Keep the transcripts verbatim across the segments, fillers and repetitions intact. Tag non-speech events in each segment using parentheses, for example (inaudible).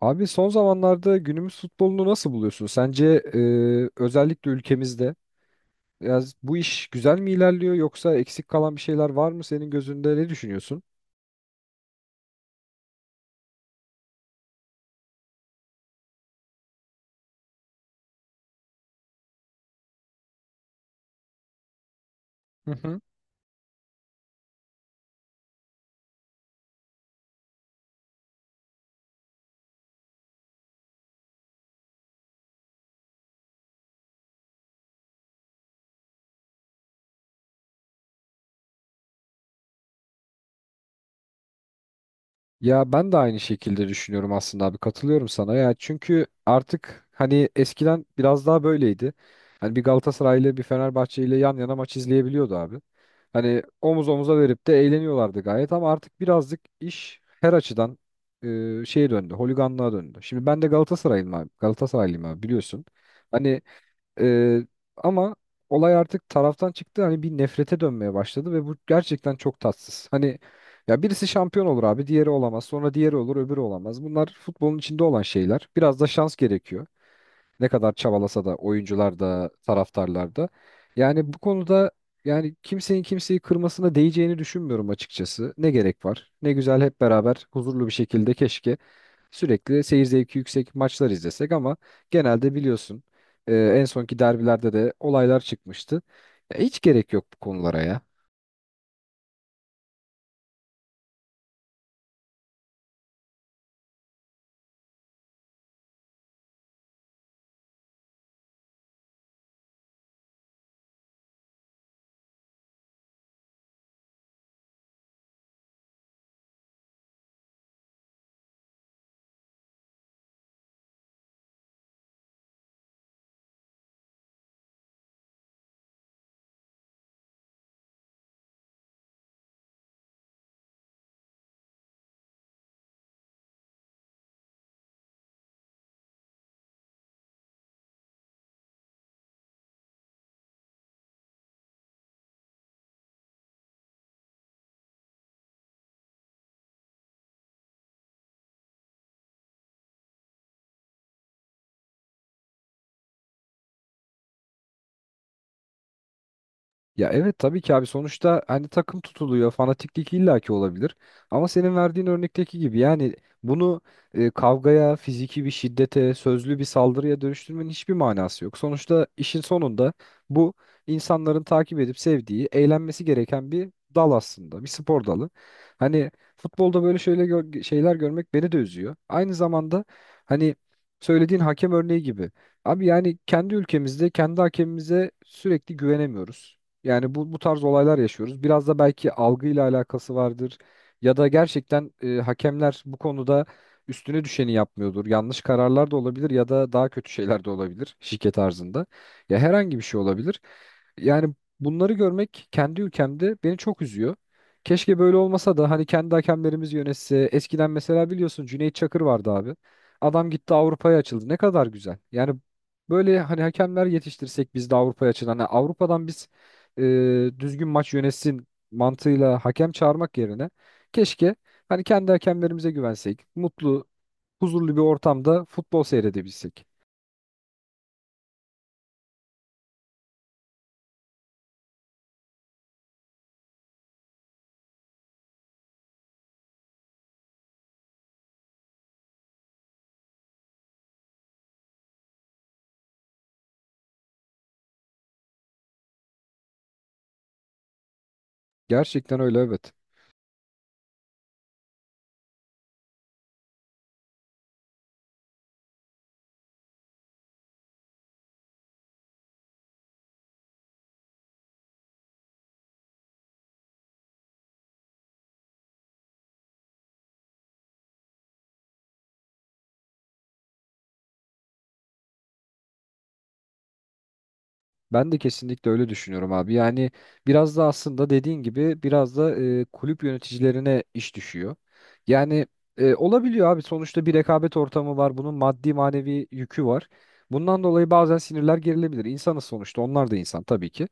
Abi son zamanlarda günümüz futbolunu nasıl buluyorsun? Sence e, özellikle ülkemizde biraz bu iş güzel mi ilerliyor yoksa eksik kalan bir şeyler var mı senin gözünde ne düşünüyorsun? Ya ben de aynı şekilde düşünüyorum aslında abi, katılıyorum sana ya, çünkü artık hani eskiden biraz daha böyleydi. Hani bir Galatasaray ile bir Fenerbahçe ile yan yana maç izleyebiliyordu abi. Hani omuz omuza verip de eğleniyorlardı gayet, ama artık birazcık iş her açıdan e, şeye döndü, holiganlığa döndü. Şimdi ben de Galatasaraylıyım abi, Galatasaraylıyım abi, biliyorsun. Hani ee, ama olay artık taraftan çıktı, hani bir nefrete dönmeye başladı ve bu gerçekten çok tatsız. Hani ya birisi şampiyon olur abi, diğeri olamaz. Sonra diğeri olur, öbürü olamaz. Bunlar futbolun içinde olan şeyler. Biraz da şans gerekiyor. Ne kadar çabalasa da oyuncular da taraftarlar da. Yani bu konuda, yani kimsenin kimseyi kırmasına değeceğini düşünmüyorum açıkçası. Ne gerek var? Ne güzel hep beraber huzurlu bir şekilde, keşke sürekli seyir zevki yüksek maçlar izlesek, ama genelde biliyorsun e, en sonki derbilerde de olaylar çıkmıştı. Ya hiç gerek yok bu konulara ya. Ya evet, tabii ki abi, sonuçta hani takım tutuluyor, fanatiklik illaki olabilir, ama senin verdiğin örnekteki gibi yani bunu e, kavgaya, fiziki bir şiddete, sözlü bir saldırıya dönüştürmenin hiçbir manası yok. Sonuçta işin sonunda bu insanların takip edip sevdiği, eğlenmesi gereken bir dal aslında, bir spor dalı. Hani futbolda böyle şöyle gör- şeyler görmek beni de üzüyor. Aynı zamanda hani söylediğin hakem örneği gibi. Abi yani kendi ülkemizde kendi hakemimize sürekli güvenemiyoruz. Yani bu bu tarz olaylar yaşıyoruz. Biraz da belki algıyla alakası vardır ya da gerçekten e, hakemler bu konuda üstüne düşeni yapmıyordur. Yanlış kararlar da olabilir ya da daha kötü şeyler de olabilir, şike tarzında. Ya herhangi bir şey olabilir. Yani bunları görmek kendi ülkemde beni çok üzüyor. Keşke böyle olmasa da hani kendi hakemlerimiz yönetse. Eskiden mesela biliyorsun, Cüneyt Çakır vardı abi. Adam gitti, Avrupa'ya açıldı. Ne kadar güzel. Yani böyle hani hakemler yetiştirsek biz de Avrupa'ya açılan. Hani Avrupa'dan biz e, düzgün maç yönetsin mantığıyla hakem çağırmak yerine keşke hani kendi hakemlerimize güvensek, mutlu, huzurlu bir ortamda futbol seyredebilsek. Gerçekten öyle, evet. Ben de kesinlikle öyle düşünüyorum abi. Yani biraz da aslında dediğin gibi biraz da e, kulüp yöneticilerine iş düşüyor. Yani e, olabiliyor abi, sonuçta bir rekabet ortamı var. Bunun maddi manevi yükü var. Bundan dolayı bazen sinirler gerilebilir. İnsanız sonuçta, onlar da insan tabii ki.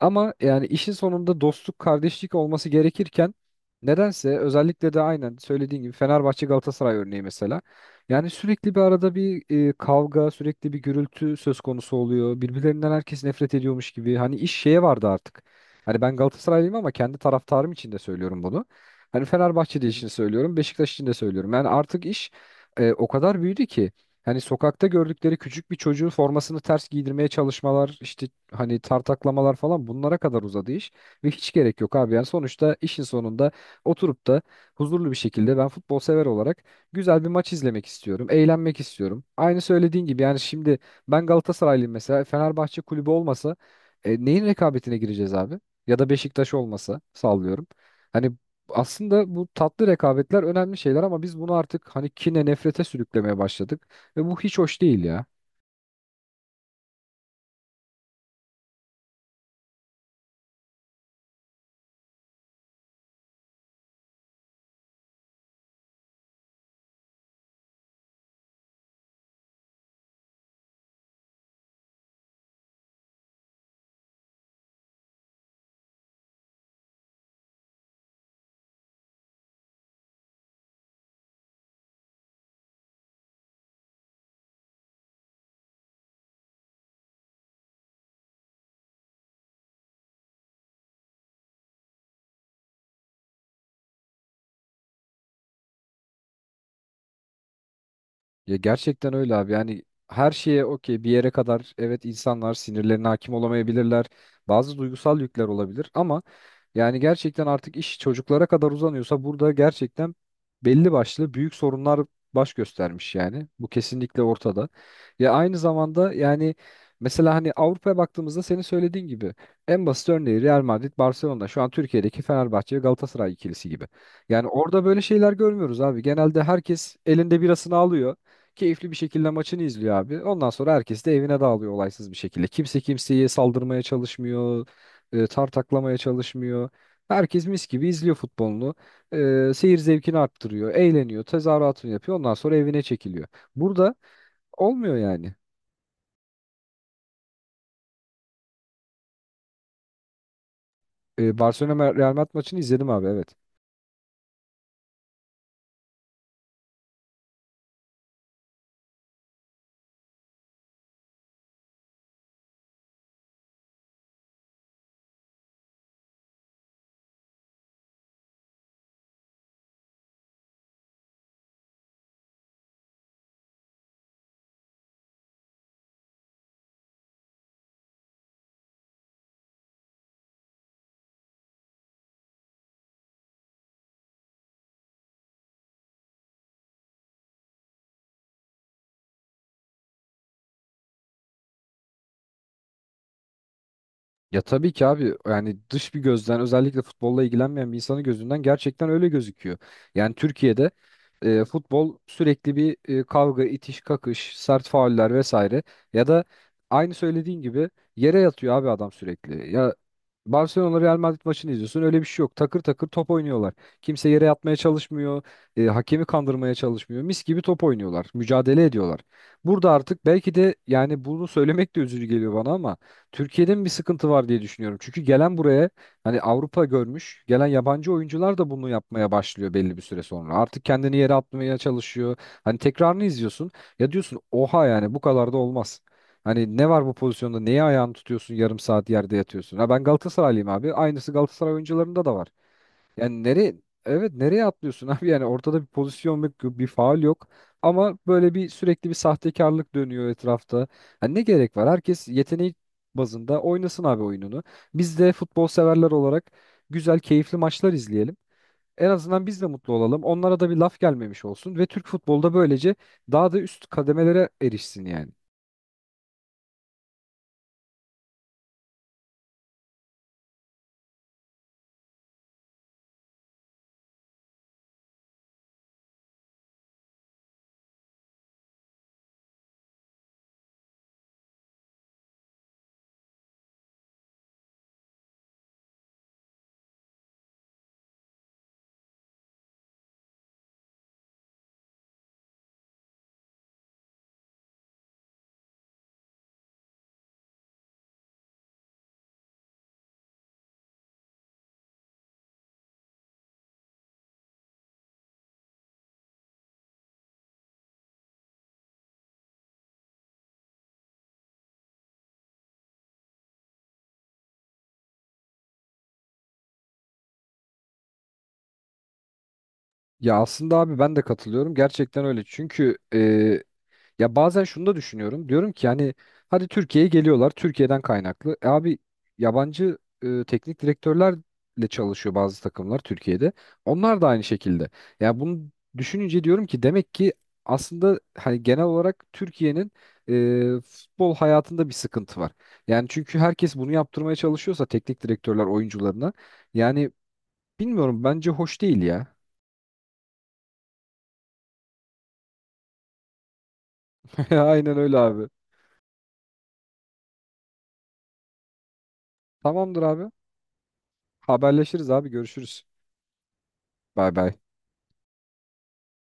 Ama yani işin sonunda dostluk, kardeşlik olması gerekirken nedense özellikle de aynen söylediğin gibi Fenerbahçe Galatasaray örneği mesela. Yani sürekli bir arada bir e, kavga, sürekli bir gürültü söz konusu oluyor. Birbirlerinden herkes nefret ediyormuş gibi. Hani iş şeye vardı artık. Hani ben Galatasaraylıyım ama kendi taraftarım için de söylüyorum bunu. Hani Fenerbahçe için söylüyorum, Beşiktaş için de söylüyorum. Yani artık iş e, o kadar büyüdü ki hani sokakta gördükleri küçük bir çocuğun formasını ters giydirmeye çalışmalar, işte hani tartaklamalar falan, bunlara kadar uzadı iş ve hiç gerek yok abi. Yani sonuçta işin sonunda oturup da huzurlu bir şekilde ben futbol sever olarak güzel bir maç izlemek istiyorum. Eğlenmek istiyorum. Aynı söylediğin gibi yani şimdi ben Galatasaraylıyım mesela. Fenerbahçe kulübü olmasa e, neyin rekabetine gireceğiz abi? Ya da Beşiktaş olmasa, sallıyorum. Hani aslında bu tatlı rekabetler önemli şeyler, ama biz bunu artık hani kine, nefrete sürüklemeye başladık. Ve bu hiç hoş değil ya. Ya gerçekten öyle abi, yani her şeye okey bir yere kadar, evet, insanlar sinirlerine hakim olamayabilirler. Bazı duygusal yükler olabilir ama yani gerçekten artık iş çocuklara kadar uzanıyorsa burada gerçekten belli başlı büyük sorunlar baş göstermiş yani. Bu kesinlikle ortada. Ya aynı zamanda yani mesela hani Avrupa'ya baktığımızda senin söylediğin gibi en basit örneği Real Madrid, Barcelona şu an Türkiye'deki Fenerbahçe ve Galatasaray ikilisi gibi. Yani orada böyle şeyler görmüyoruz abi. Genelde herkes elinde birasını alıyor. Keyifli bir şekilde maçını izliyor abi. Ondan sonra herkes de evine dağılıyor olaysız bir şekilde. Kimse kimseye saldırmaya çalışmıyor, e, tartaklamaya çalışmıyor. Herkes mis gibi izliyor futbolunu. E, seyir zevkini arttırıyor, eğleniyor, tezahüratını yapıyor. Ondan sonra evine çekiliyor. Burada olmuyor yani. E, Barcelona Real Madrid maçını izledim abi, evet. Ya tabii ki abi, yani dış bir gözden, özellikle futbolla ilgilenmeyen bir insanın gözünden gerçekten öyle gözüküyor. Yani Türkiye'de e, futbol sürekli bir e, kavga, itiş, kakış, sert fauller vesaire, ya da aynı söylediğin gibi yere yatıyor abi adam sürekli. Ya Barcelona Real Madrid maçını izliyorsun, öyle bir şey yok. Takır takır top oynuyorlar. Kimse yere yatmaya çalışmıyor, e, hakemi kandırmaya çalışmıyor. Mis gibi top oynuyorlar, mücadele ediyorlar. Burada artık belki de, yani bunu söylemek de üzücü geliyor bana ama Türkiye'de mi bir sıkıntı var diye düşünüyorum. Çünkü gelen buraya, hani Avrupa görmüş, gelen yabancı oyuncular da bunu yapmaya başlıyor belli bir süre sonra. Artık kendini yere atmaya çalışıyor. Hani tekrarını izliyorsun. Ya diyorsun oha, yani bu kadar da olmaz. Hani ne var bu pozisyonda? Neye ayağını tutuyorsun? Yarım saat yerde yatıyorsun. Ha ben Galatasaraylıyım abi. Aynısı Galatasaray oyuncularında da var. Yani nereye, evet nereye atlıyorsun (laughs) abi, yani ortada bir pozisyon yok, bir faul yok, ama böyle bir sürekli bir sahtekarlık dönüyor etrafta. Hani ne gerek var? Herkes yeteneği bazında oynasın abi oyununu. Biz de futbol severler olarak güzel keyifli maçlar izleyelim. En azından biz de mutlu olalım. Onlara da bir laf gelmemiş olsun ve Türk futbolda böylece daha da üst kademelere erişsin yani. Ya aslında abi ben de katılıyorum. Gerçekten öyle. Çünkü ya bazen şunu da düşünüyorum. Diyorum ki yani hadi Türkiye'ye geliyorlar. Türkiye'den kaynaklı. E abi yabancı e, teknik direktörlerle çalışıyor bazı takımlar Türkiye'de. Onlar da aynı şekilde. Ya bunu düşününce diyorum ki demek ki aslında hani genel olarak Türkiye'nin e, futbol hayatında bir sıkıntı var. Yani çünkü herkes bunu yaptırmaya çalışıyorsa teknik direktörler oyuncularına, yani bilmiyorum, bence hoş değil ya. (laughs) Aynen öyle abi. Tamamdır abi. Haberleşiriz abi, görüşürüz. Bay bay.